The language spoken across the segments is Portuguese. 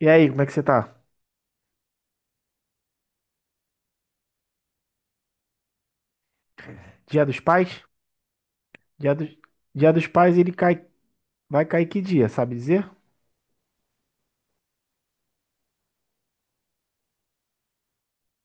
E aí, como é que você tá? Dia dos Pais? Dia dos, dia dos Pais ele cai, vai cair que dia, sabe dizer?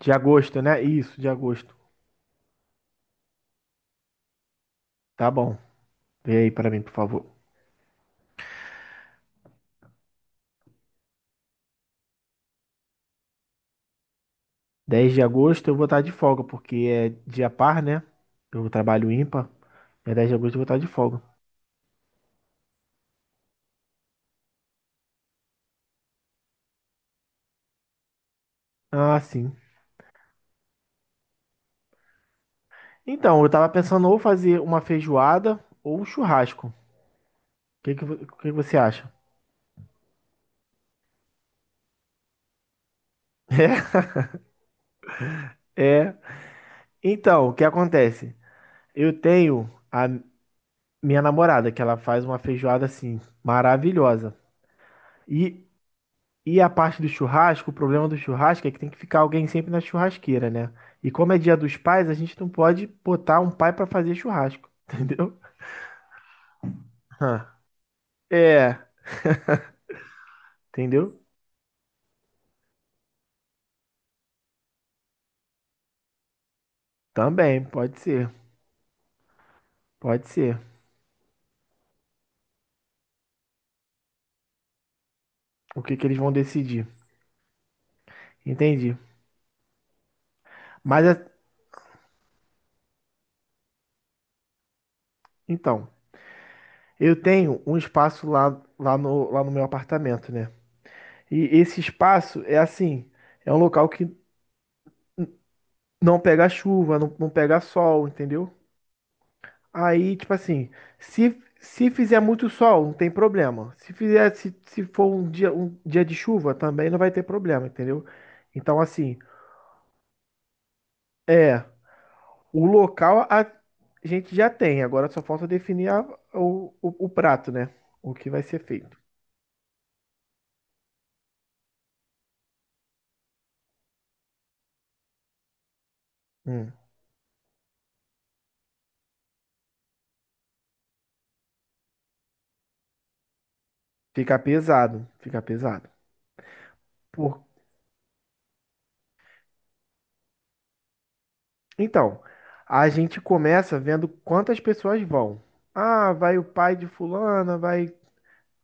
De agosto, né? Isso, de agosto. Tá bom. Vê aí pra mim, por favor. 10 de agosto eu vou estar de folga, porque é dia par, né? Eu trabalho ímpar. É 10 de agosto eu vou estar de folga. Ah, sim. Então, eu tava pensando ou fazer uma feijoada ou um churrasco. O que que, o que que você acha? É. Então, o que acontece? Eu tenho a, minha namorada, que ela faz uma feijoada assim, maravilhosa. E, e a parte do churrasco, o problema do churrasco é que tem que ficar alguém sempre na churrasqueira, né? E como é dia dos pais, a gente não pode botar um pai pra fazer churrasco, entendeu? Hã. É, entendeu? Também, pode ser, pode ser. O que que eles vão decidir? Entendi. Mas então, eu tenho um espaço lá, lá no meu apartamento, né? E esse espaço é assim, é um local que não pegar chuva, não pegar sol, entendeu? Aí, tipo assim, se fizer muito sol, não tem problema. Se fizer, se for um dia de chuva, também não vai ter problema, entendeu? Então, assim, é, o local a gente já tem, agora só falta definir o prato, né? O que vai ser feito. Hum, fica pesado, fica pesado. Por... Então, a gente começa vendo quantas pessoas vão. Ah, vai o pai de fulana, vai.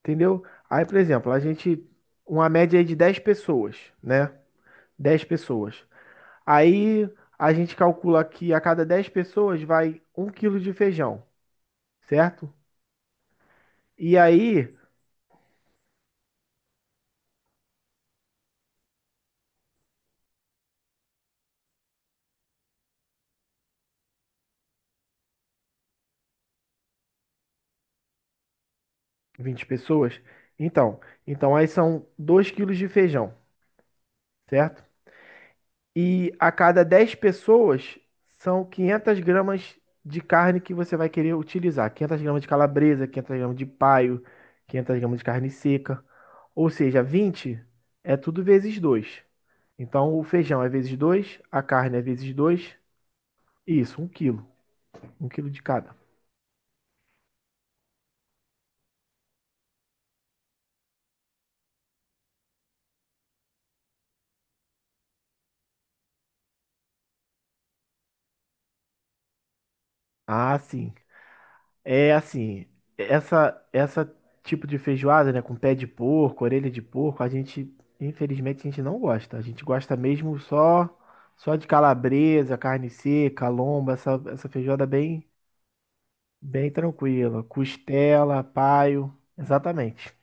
Entendeu? Aí, por exemplo, a gente. Uma média aí de 10 pessoas, né? 10 pessoas. Aí a gente calcula que a cada 10 pessoas vai 1 quilo de feijão, certo? E aí, 20 pessoas. Então, então aí são 2 quilos de feijão, certo? E a cada 10 pessoas são 500 gramas de carne que você vai querer utilizar. 500 gramas de calabresa, 500 gramas de paio, 500 gramas de carne seca. Ou seja, 20 é tudo vezes dois. Então o feijão é vezes dois, a carne é vezes dois. Isso, 1 quilo. 1 quilo de cada. Ah, sim. É assim, essa tipo de feijoada, né, com pé de porco, orelha de porco, a gente, infelizmente, a gente não gosta. A gente gosta mesmo só de calabresa, carne seca, lomba, essa feijoada bem bem tranquila, costela, paio, exatamente.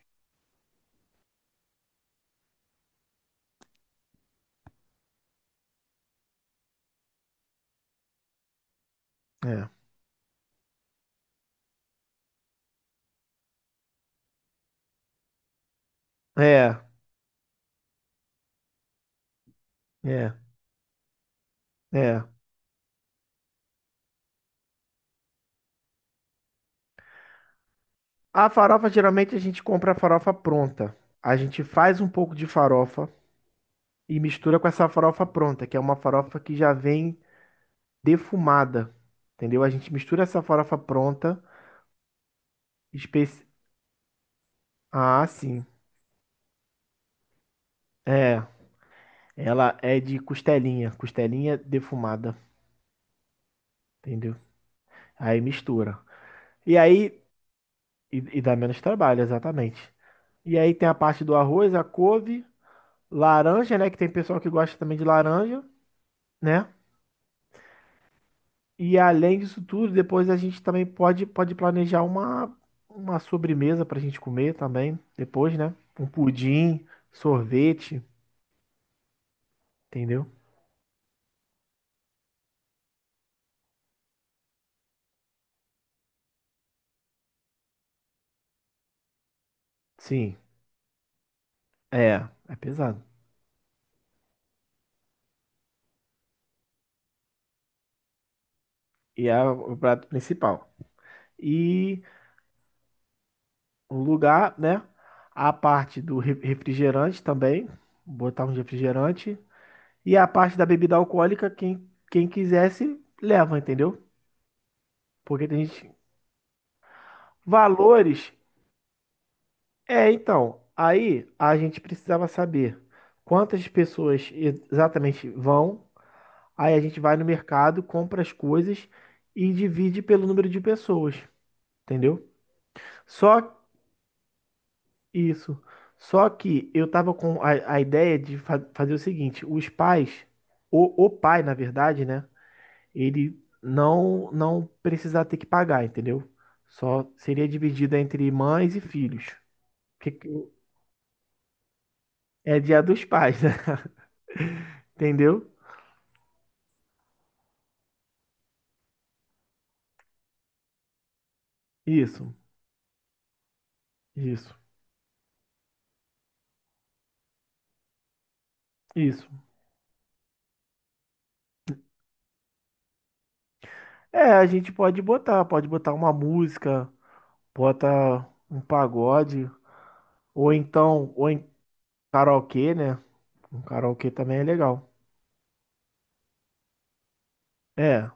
É. É, é, é. A farofa, geralmente a gente compra a farofa pronta. A gente faz um pouco de farofa e mistura com essa farofa pronta, que é uma farofa que já vem defumada, entendeu? A gente mistura essa farofa pronta. Especi... Ah, sim. É, ela é de costelinha defumada, entendeu? Aí mistura. E aí, e dá menos trabalho, exatamente. E aí tem a parte do arroz, a couve, laranja, né? Que tem pessoal que gosta também de laranja, né? E além disso tudo, depois a gente também pode planejar uma sobremesa pra gente comer também, depois, né? Um pudim, sorvete, entendeu? Sim, é, é pesado. E é o prato principal. E o lugar, né? A parte do refrigerante também, botar um refrigerante. E a parte da bebida alcoólica, quem quisesse, leva, entendeu? Porque tem gente. Valores. É, então, aí a gente precisava saber quantas pessoas exatamente vão. Aí a gente vai no mercado, compra as coisas e divide pelo número de pessoas, entendeu? Só isso. Só que eu tava com a ideia de fazer o seguinte: os pais, o pai, na verdade, né? Ele não precisar ter que pagar, entendeu? Só seria dividida entre mães e filhos. Que, que- É dia dos pais, né? Entendeu? Isso. Isso, isso. É, a gente pode botar uma música, bota um pagode, ou então, ou em karaokê, né? Um karaokê também é legal. É,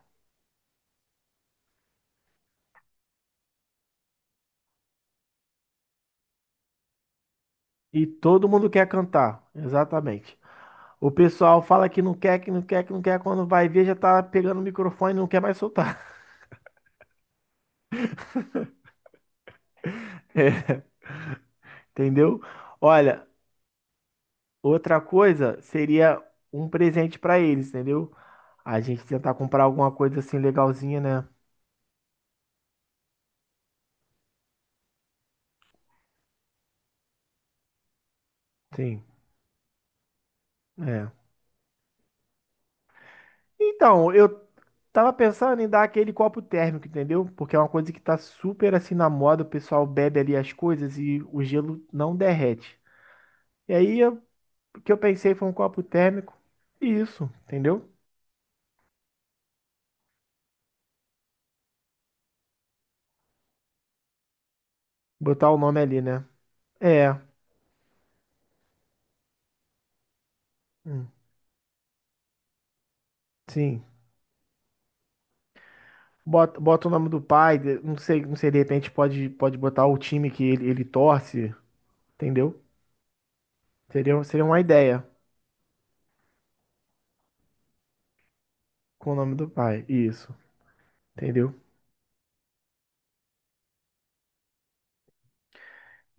e todo mundo quer cantar, exatamente. O pessoal fala que não quer, que não quer, que não quer, quando vai ver já tá pegando o microfone e não quer mais soltar. Entendeu? Olha, outra coisa seria um presente pra eles, entendeu? A gente tentar comprar alguma coisa assim legalzinha, né? Sim, é. Então, eu tava pensando em dar aquele copo térmico, entendeu? Porque é uma coisa que tá super assim na moda, o pessoal bebe ali as coisas e o gelo não derrete. E aí o que eu pensei foi um copo térmico e isso, entendeu? Botar o nome ali, né? É, hum, sim. Bota o nome do pai, não sei, não sei, de repente pode botar o time que ele torce, entendeu? Seria uma ideia com o nome do pai, isso, entendeu?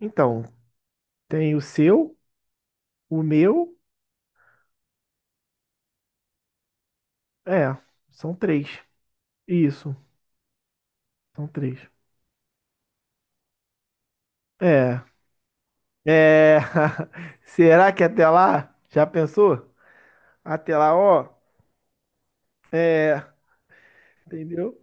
Então, tem o seu, o meu, é, são três. Isso. São três. É. É. Será que até lá? Já pensou? Até lá, ó. É. Entendeu?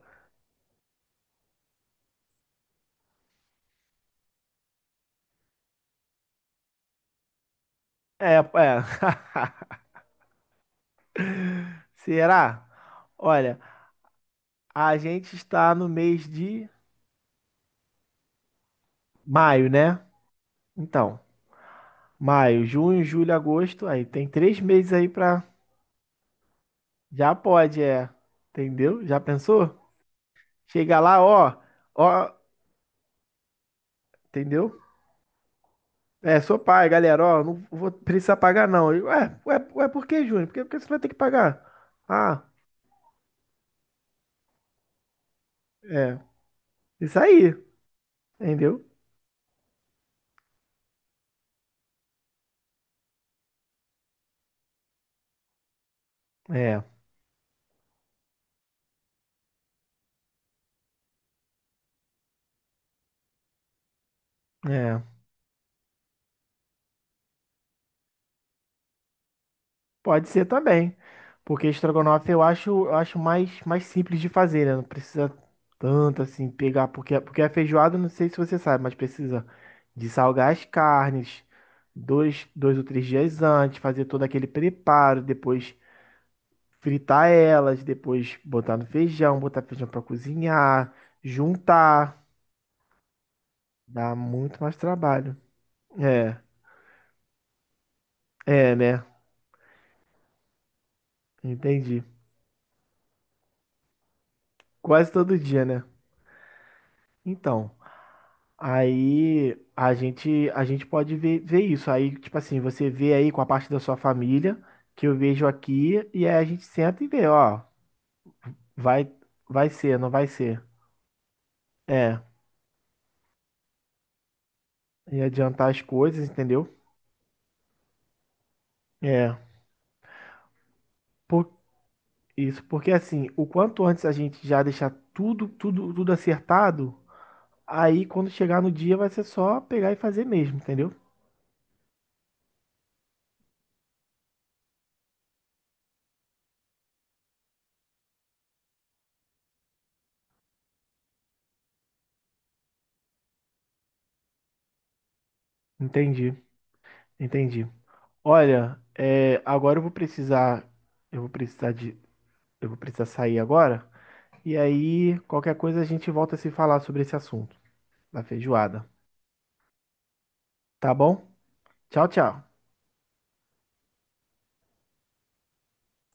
É, é. Será? Olha, a gente está no mês de maio, né? Então, maio, junho, julho, agosto. Aí tem 3 meses aí pra. Já pode, é. Entendeu? Já pensou? Chega lá, ó. Ó. Entendeu? É, sou pai, galera, ó, não vou precisar pagar não. Eu, ué, ué, ué, por que, Júnior? Por que você vai ter que pagar? Ah, é, isso aí, entendeu? É, é, pode ser também, porque estrogonofe eu acho mais simples de fazer, né? Não precisa tanto assim pegar, porque a feijoada, não sei se você sabe, mas precisa de salgar as carnes dois ou três dias antes, fazer todo aquele preparo, depois fritar elas, depois botar no feijão, botar feijão pra cozinhar, juntar. Dá muito mais trabalho. É, é, né? Entendi. Quase todo dia, né? Então, aí a gente pode ver isso. Aí, tipo assim, você vê aí com a parte da sua família, que eu vejo aqui, e aí a gente senta e vê, ó, vai vai ser, não vai ser. É, e adiantar as coisas, entendeu? É. Por- Isso, porque assim, o quanto antes a gente já deixar tudo, tudo, tudo acertado, aí quando chegar no dia vai ser só pegar e fazer mesmo, entendeu? Entendi, entendi. Olha, é, agora eu vou precisar de, eu vou precisar sair agora. E aí, qualquer coisa a gente volta a se falar sobre esse assunto da feijoada, tá bom? Tchau, tchau.